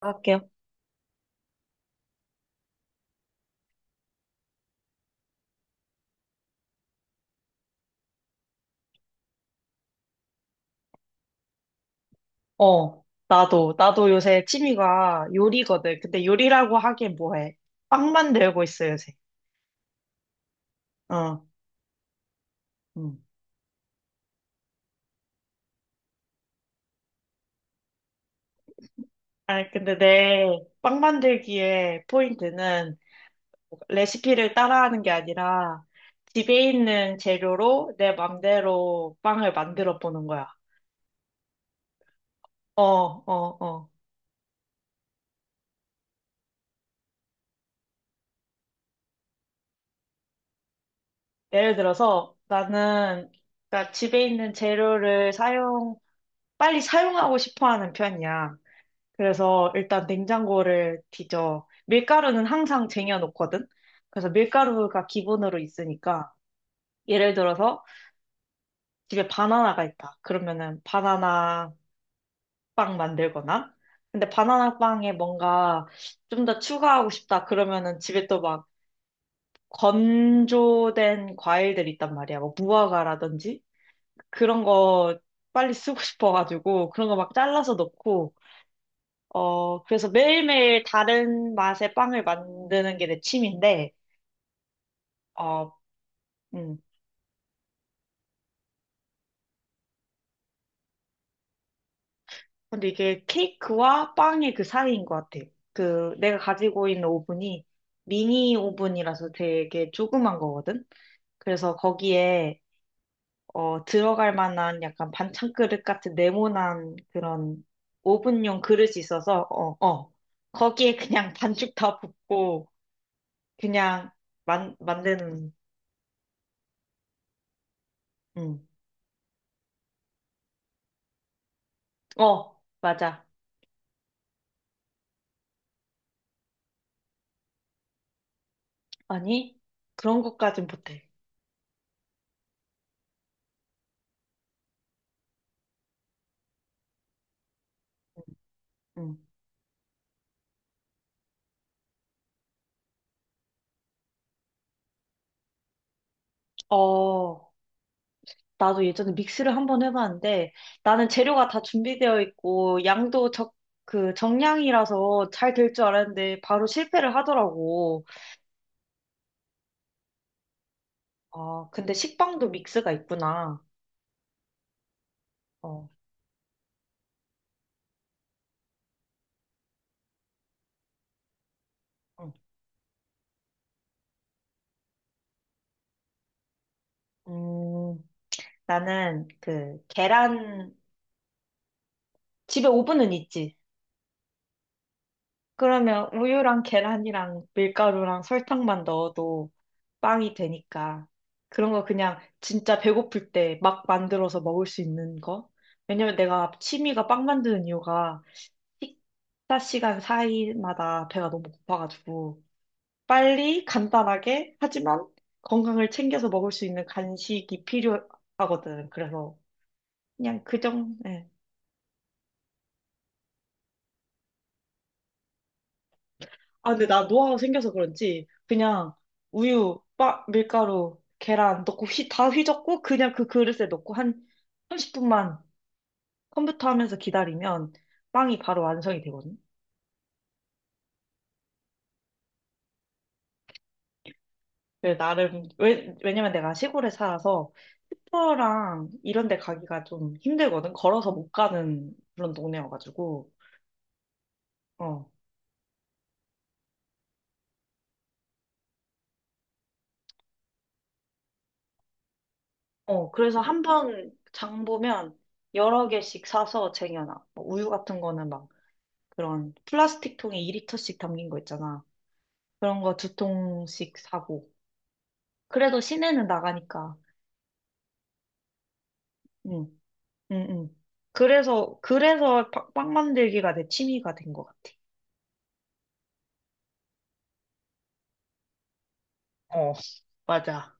할게요. 나도 요새 취미가 요리거든. 근데 요리라고 하기엔 뭐해. 빵 만들고 있어, 요새. 어, 음. 아니, 근데 내 빵 만들기의 포인트는 레시피를 따라하는 게 아니라 집에 있는 재료로 내 맘대로 빵을 만들어 보는 거야. 어, 어, 어. 예를 들어서 나는 그러니까 집에 있는 재료를 사용, 빨리 사용하고 싶어 하는 편이야. 그래서 일단 냉장고를 뒤져. 밀가루는 항상 쟁여놓거든? 그래서 밀가루가 기본으로 있으니까, 예를 들어서 집에 바나나가 있다. 그러면은 바나나 빵 만들거나, 근데 바나나 빵에 뭔가 좀 더 추가하고 싶다. 그러면은 집에 또 막 건조된 과일들이 있단 말이야. 뭐 무화과라든지? 그런 거 빨리 쓰고 싶어가지고, 그런 거 막 잘라서 넣고, 그래서 매일매일 다른 맛의 빵을 만드는 게 내 취미인데, 어, 음. 근데 이게 케이크와 빵의 그 사이인 것 같아. 내가 가지고 있는 오븐이 미니 오븐이라서 되게 조그만 거거든? 그래서 거기에, 들어갈 만한 약간 반찬 그릇 같은 네모난 그런 오븐용 그릇이 있어서, 거기에 그냥 반죽 다 붓고, 그냥 만, 만드는, 음. 어, 맞아. 아니, 그런 것까진 못해. 응. 어, 나도 예전에 믹스를 한 번 해봤는데 나는 재료가 다 준비되어 있고 그 정량이라서 잘 될 줄 알았는데 바로 실패를 하더라고. 어, 근데 식빵도 믹스가 있구나. 어, 응. 음, 나는 그 계란, 집에 오븐은 있지. 그러면 우유랑 계란이랑 밀가루랑 설탕만 넣어도 빵이 되니까 그런 거 그냥 진짜 배고플 때 막 만들어서 먹을 수 있는 거? 왜냐면 내가 취미가 빵 만드는 이유가 식사 시간 사이마다 배가 너무 고파가지고 빨리 간단하게 하지만 건강을 챙겨서 먹을 수 있는 간식이 필요하거든. 그래서 그냥 그 정도, 아, 근데 나 노화가 생겨서 그런지 그냥 밀가루, 계란 넣고 다 휘젓고 그냥 그 그릇에 넣고 한 30분만 컴퓨터 하면서 기다리면 빵이 바로 완성이 되거든. 왜냐면 내가 시골에 살아서 슈퍼랑 이런 데 가기가 좀 힘들거든. 걸어서 못 가는 그런 동네여가지고. 어. 어, 그래서 한 번 장 보면 여러 개씩 사서 쟁여놔. 뭐 우유 같은 거는 막 그런 플라스틱 통에 2리터씩 담긴 거 있잖아. 그런 거 두 통씩 사고. 그래도 시내는 나가니까. 응, 응, 응. 그래서 빵 만들기가 내 취미가 된 것 같아. 어, 맞아.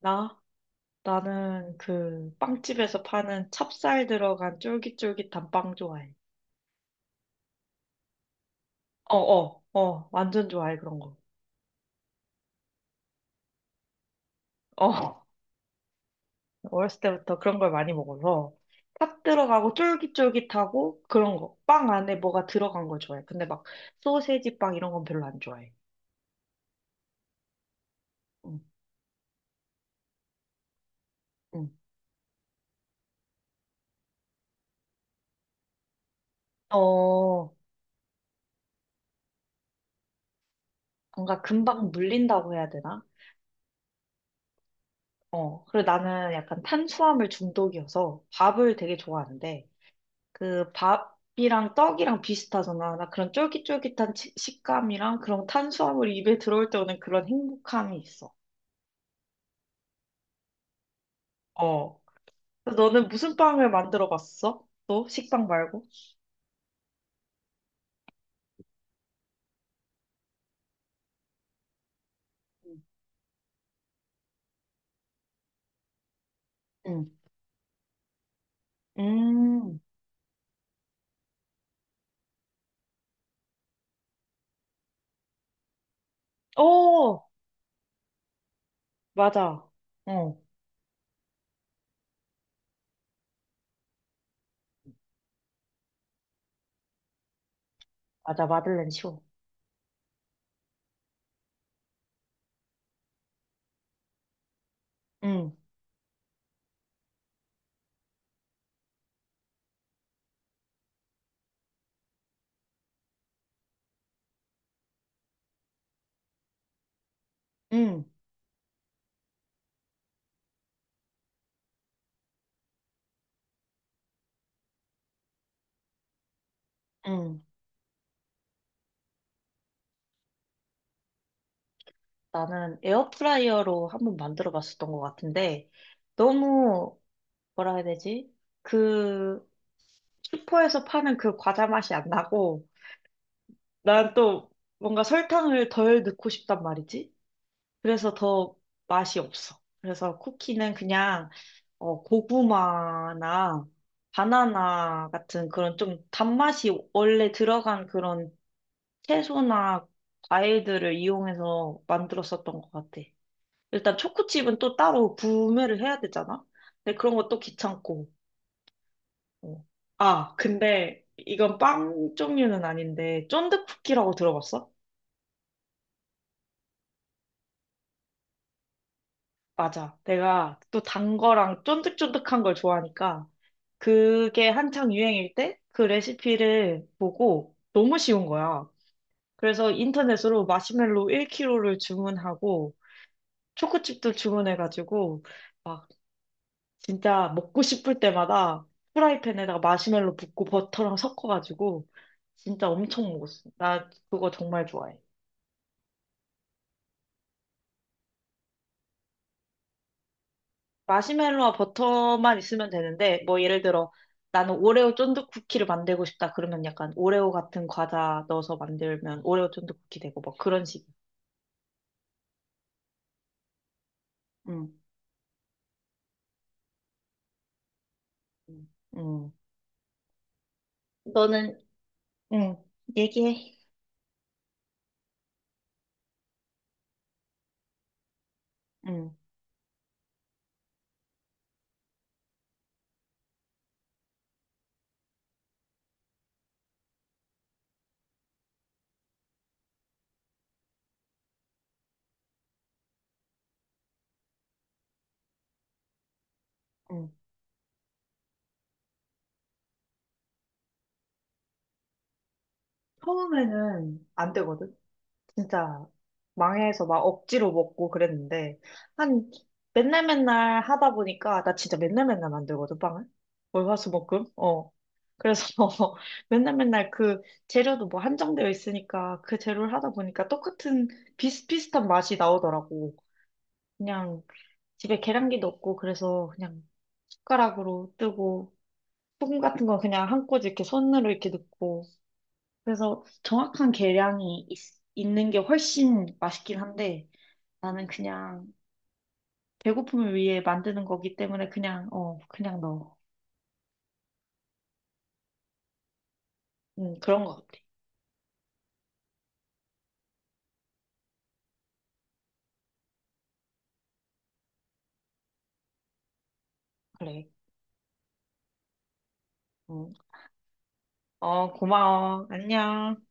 나? 나는 그 빵집에서 파는 찹쌀 들어간 쫄깃쫄깃한 빵 좋아해. 어어어 완전 좋아해 그런 거. 어 어렸을 때부터 그런 걸 많이 먹어서 팥 들어가고 쫄깃쫄깃하고 그런 거. 빵 안에 뭐가 들어간 걸 좋아해. 근데 막 소세지 빵 이런 건 별로 안 좋아해. 응, 응. 어, 뭔가 금방 물린다고 해야 되나? 어, 그리고 나는 약간 탄수화물 중독이어서 밥을 되게 좋아하는데 그 밥이랑 떡이랑 비슷하잖아. 나 그런 쫄깃쫄깃한 식감이랑 그런 탄수화물이 입에 들어올 때 오는 그런 행복함이 있어. 어. 너는 무슨 빵을 만들어 봤어? 너 식빵 말고? 응. 음. 어, 맞아. 어, 맞아. 마들렌 쇼. 응, 응, 응. 나는 에어프라이어로 한번 만들어 봤었던 것 같은데, 너무, 뭐라 해야 되지? 그, 슈퍼에서 파는 그 과자 맛이 안 나고, 난 또 뭔가 설탕을 덜 넣고 싶단 말이지? 그래서 더 맛이 없어. 그래서 쿠키는 그냥 고구마나 바나나 같은 그런 좀 단맛이 원래 들어간 그런 채소나 과일들을 이용해서 만들었었던 것 같아. 일단 초코칩은 또 따로 구매를 해야 되잖아? 근데 그런 것도 귀찮고. 어. 아, 근데 이건 빵 종류는 아닌데 쫀득쿠키라고 들어봤어? 맞아. 내가 또 단 거랑 쫀득쫀득한 걸 좋아하니까 그게 한창 유행일 때 그 레시피를 보고 너무 쉬운 거야. 그래서 인터넷으로 마시멜로 1kg를 주문하고 초코칩도 주문해가지고 막 진짜 먹고 싶을 때마다 프라이팬에다가 마시멜로 붓고 버터랑 섞어가지고 진짜 엄청 먹었어. 나 그거 정말 좋아해. 마시멜로와 버터만 있으면 되는데 뭐 예를 들어 나는 오레오 쫀득 쿠키를 만들고 싶다. 그러면 약간 오레오 같은 과자 넣어서 만들면 오레오 쫀득 쿠키 되고 뭐 그런 식이야. 응, 응, 너는 응, 얘기해. 응, 응. 처음에는 안 되거든. 진짜 망해서 막 억지로 먹고 그랬는데 한 맨날 맨날 하다 보니까 나 진짜 맨날 맨날 만들거든 빵을. 월화수목금. 어. 그래서 맨날 맨날 재료도 뭐 한정되어 있으니까 그 재료를 하다 보니까 똑같은 비슷비슷한 맛이 나오더라고. 그냥 집에 계량기도 없고 그래서 그냥 숟가락으로 뜨고 소금 같은 건 그냥 한 꼬집 이렇게 손으로 이렇게 넣고. 그래서 있는 게 훨씬 맛있긴 한데 나는 그냥 배고픔을 위해 만드는 거기 때문에 그냥, 그냥 넣어. 그런 것 같아. 그래. 음. 어, 고마워. 안녕.